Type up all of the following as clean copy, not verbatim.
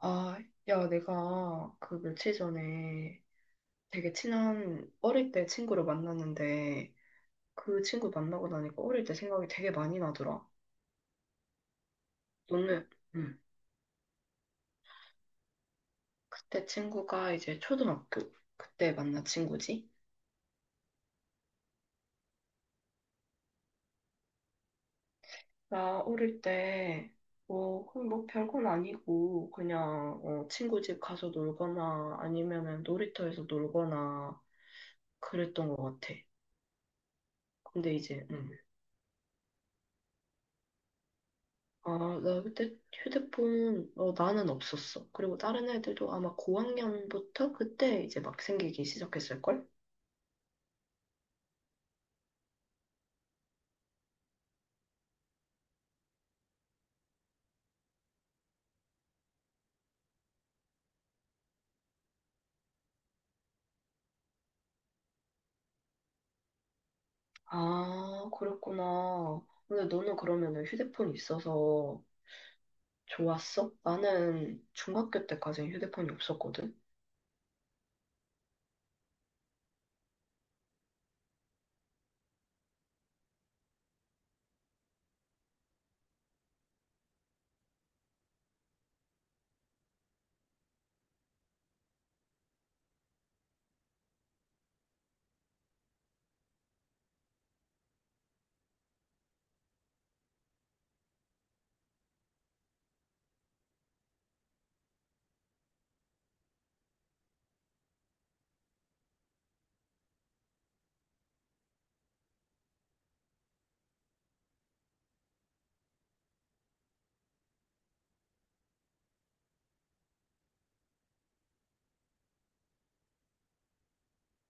아, 야, 내가 그 며칠 전에 되게 친한 어릴 때 친구를 만났는데 그 친구 만나고 나니까 어릴 때 생각이 되게 많이 나더라. 너는, 응, 그때 친구가 이제 초등학교 그때 만난 친구지? 나 어릴 때 뭐, 그냥 뭐 별건 아니고 그냥 어, 친구 집 가서 놀거나 아니면은 놀이터에서 놀거나 그랬던 것 같아. 근데 이제, 응. 아, 나 그때 휴대폰, 어, 나는 없었어. 그리고 다른 애들도 아마 고학년부터 그때 이제 막 생기기 시작했을걸? 아, 그랬구나. 근데 너는 그러면은 휴대폰 있어서 좋았어? 나는 중학교 때까지 휴대폰이 없었거든?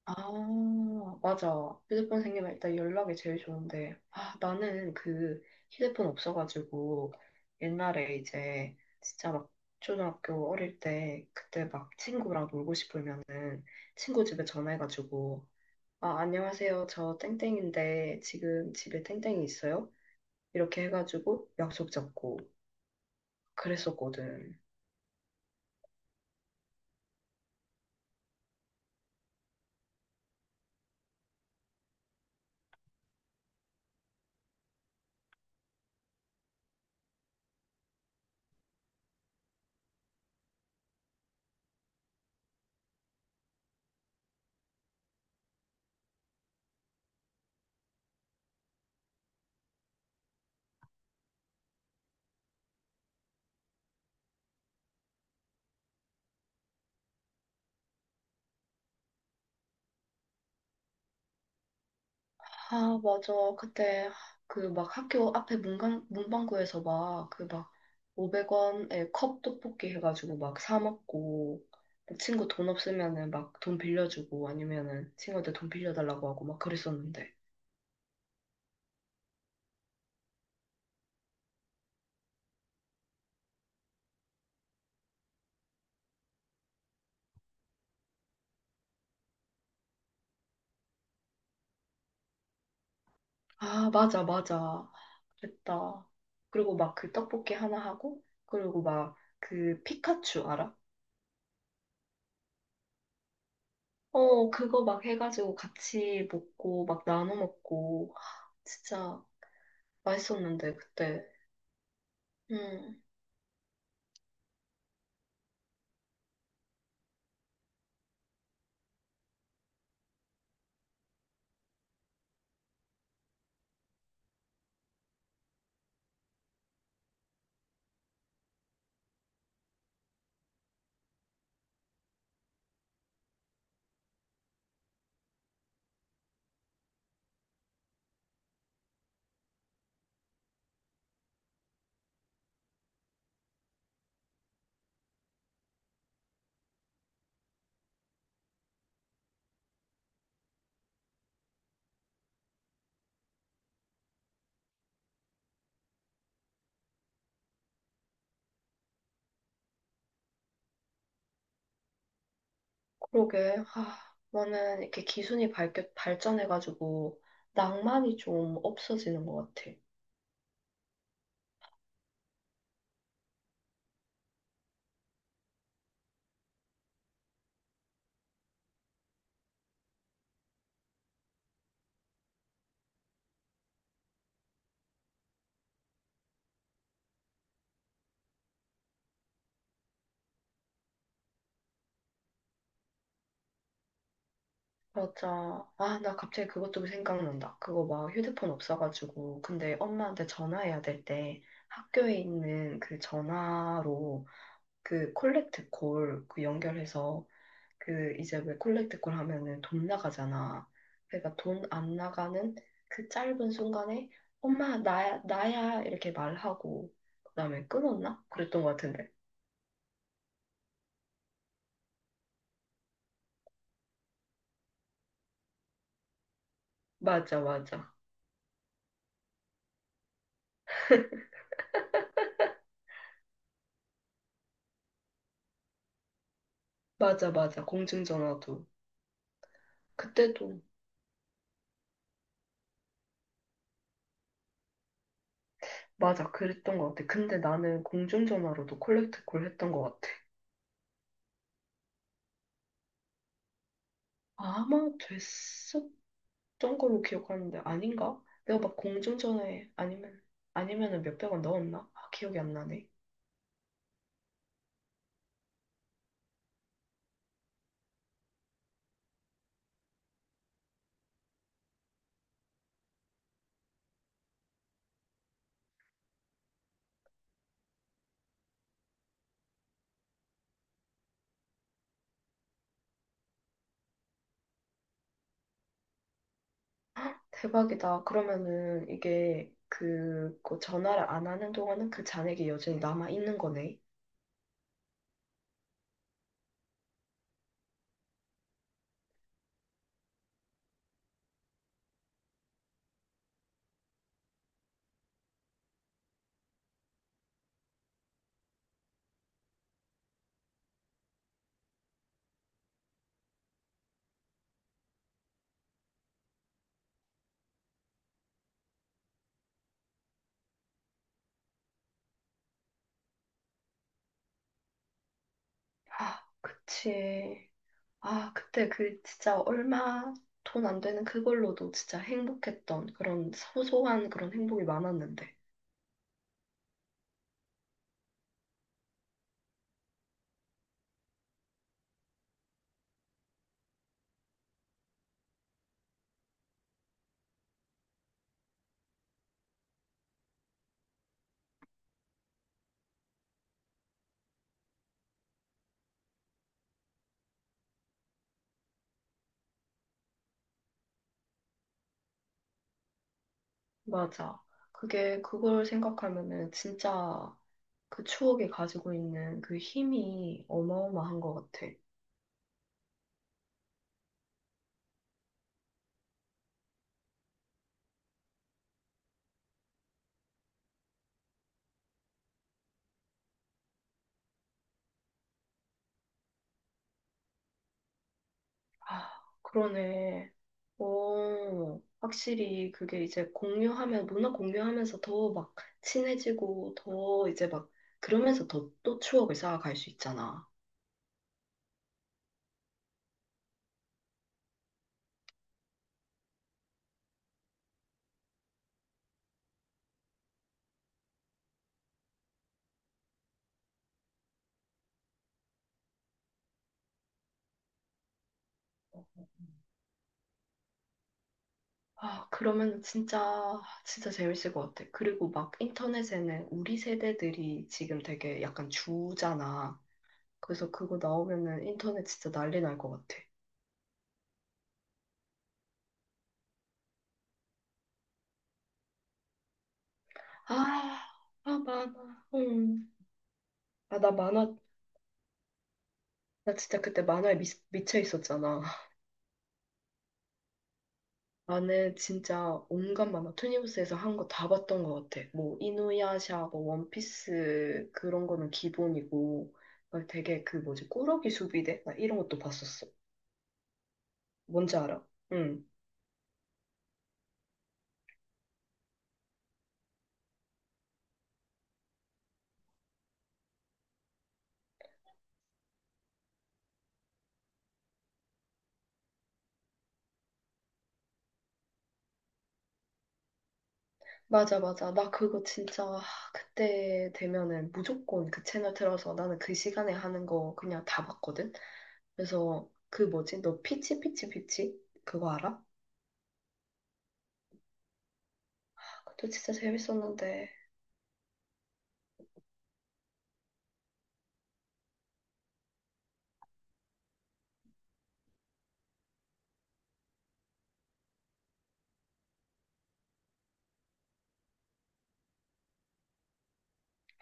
아, 맞아. 휴대폰 생기면 일단 연락이 제일 좋은데. 아, 나는 그 휴대폰 없어가지고 옛날에 이제 진짜 막 초등학교 어릴 때 그때 막 친구랑 놀고 싶으면은 친구 집에 전화해가지고 아, 안녕하세요. 저 땡땡인데 지금 집에 땡땡이 있어요? 이렇게 해가지고 약속 잡고 그랬었거든. 아, 맞아. 그때 그 막 학교 앞에 문강, 문방구에서 막 그 막 500원에 컵 떡볶이 해가지고 막 사 먹고 막 친구 돈 없으면은 막 돈 빌려주고 아니면은 친구한테 돈 빌려달라고 하고 막 그랬었는데. 아, 맞아, 맞아. 그랬다. 그리고 막 그 떡볶이 하나 하고 그리고 막 그 피카츄 알아? 어, 그거 막 해가지고 같이 먹고 막 나눠 먹고 진짜 맛있었는데 그때. 음. 그러게. 아, 나는 이렇게 기술이 발전해가지고 낭만이 좀 없어지는 것 같아. 맞아. 아, 나 갑자기 그것도 생각난다. 그거 막 휴대폰 없어가지고. 근데 엄마한테 전화해야 될 때 학교에 있는 그 전화로 그 콜렉트 콜 그 연결해서 그 이제 왜 콜렉트콜 하면은 돈 나가잖아. 그러니까 돈 안 나가는 그 짧은 순간에 엄마 나야 나야 이렇게 말하고 그다음에 끊었나? 그랬던 것 같은데. 맞아 맞아 맞아 맞아 공중전화도 그때도 맞아 그랬던 것 같아. 근데 나는 공중전화로도 콜렉트콜 했던 것 같아. 아마 됐었던 걸로 기억하는데 아닌가? 내가 막 공중전화에 아니면 아니면은 몇백 원 넣었나? 아, 기억이 안 나네. 대박이다. 그러면은 이게 그 전화를 안 하는 동안은 그 잔액이 여전히 남아 있는 거네. 아, 그치. 아, 그때 그 진짜 얼마 돈 안 되는 그걸로도 진짜 행복했던 그런 소소한 그런 행복이 많았는데. 맞아. 그게 그걸 생각하면은 진짜 그 추억이 가지고 있는 그 힘이 어마어마한 것 같아. 아, 그러네. 어, 확실히 그게 이제 공유하면, 문화 공유하면서 더 막 친해지고, 더 이제 막, 그러면서 더 또 추억을 쌓아갈 수 있잖아. 아, 그러면 진짜, 진짜 재밌을 것 같아. 그리고 막 인터넷에는 우리 세대들이 지금 되게 약간 주잖아. 그래서 그거 나오면은 인터넷 진짜 난리 날 것 같아. 아, 아, 만화. 음. 아, 나 만화, 나 진짜 그때 만화에 미쳐 있었잖아. 나는 진짜 온갖 만화 투니버스에서 한 거 다 봤던 것 같아. 뭐 이누야샤, 뭐 원피스 그런 거는 기본이고 막 되게 그 뭐지 꾸러기 수비대 나 이런 것도 봤었어. 뭔지 알아? 응. 맞아 맞아. 나 그거 진짜 아, 그때 되면은 무조건 그 채널 틀어서 나는 그 시간에 하는 거 그냥 다 봤거든. 그래서 그 뭐지 너 피치 피치 피치 그거 알아? 아, 그것도 진짜 재밌었는데.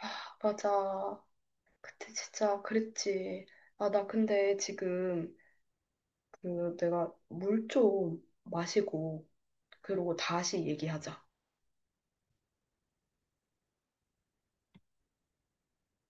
아, 맞아. 그때 진짜 그랬지. 아, 나 근데 지금 그 내가 물 좀 마시고 그러고 다시 얘기하자.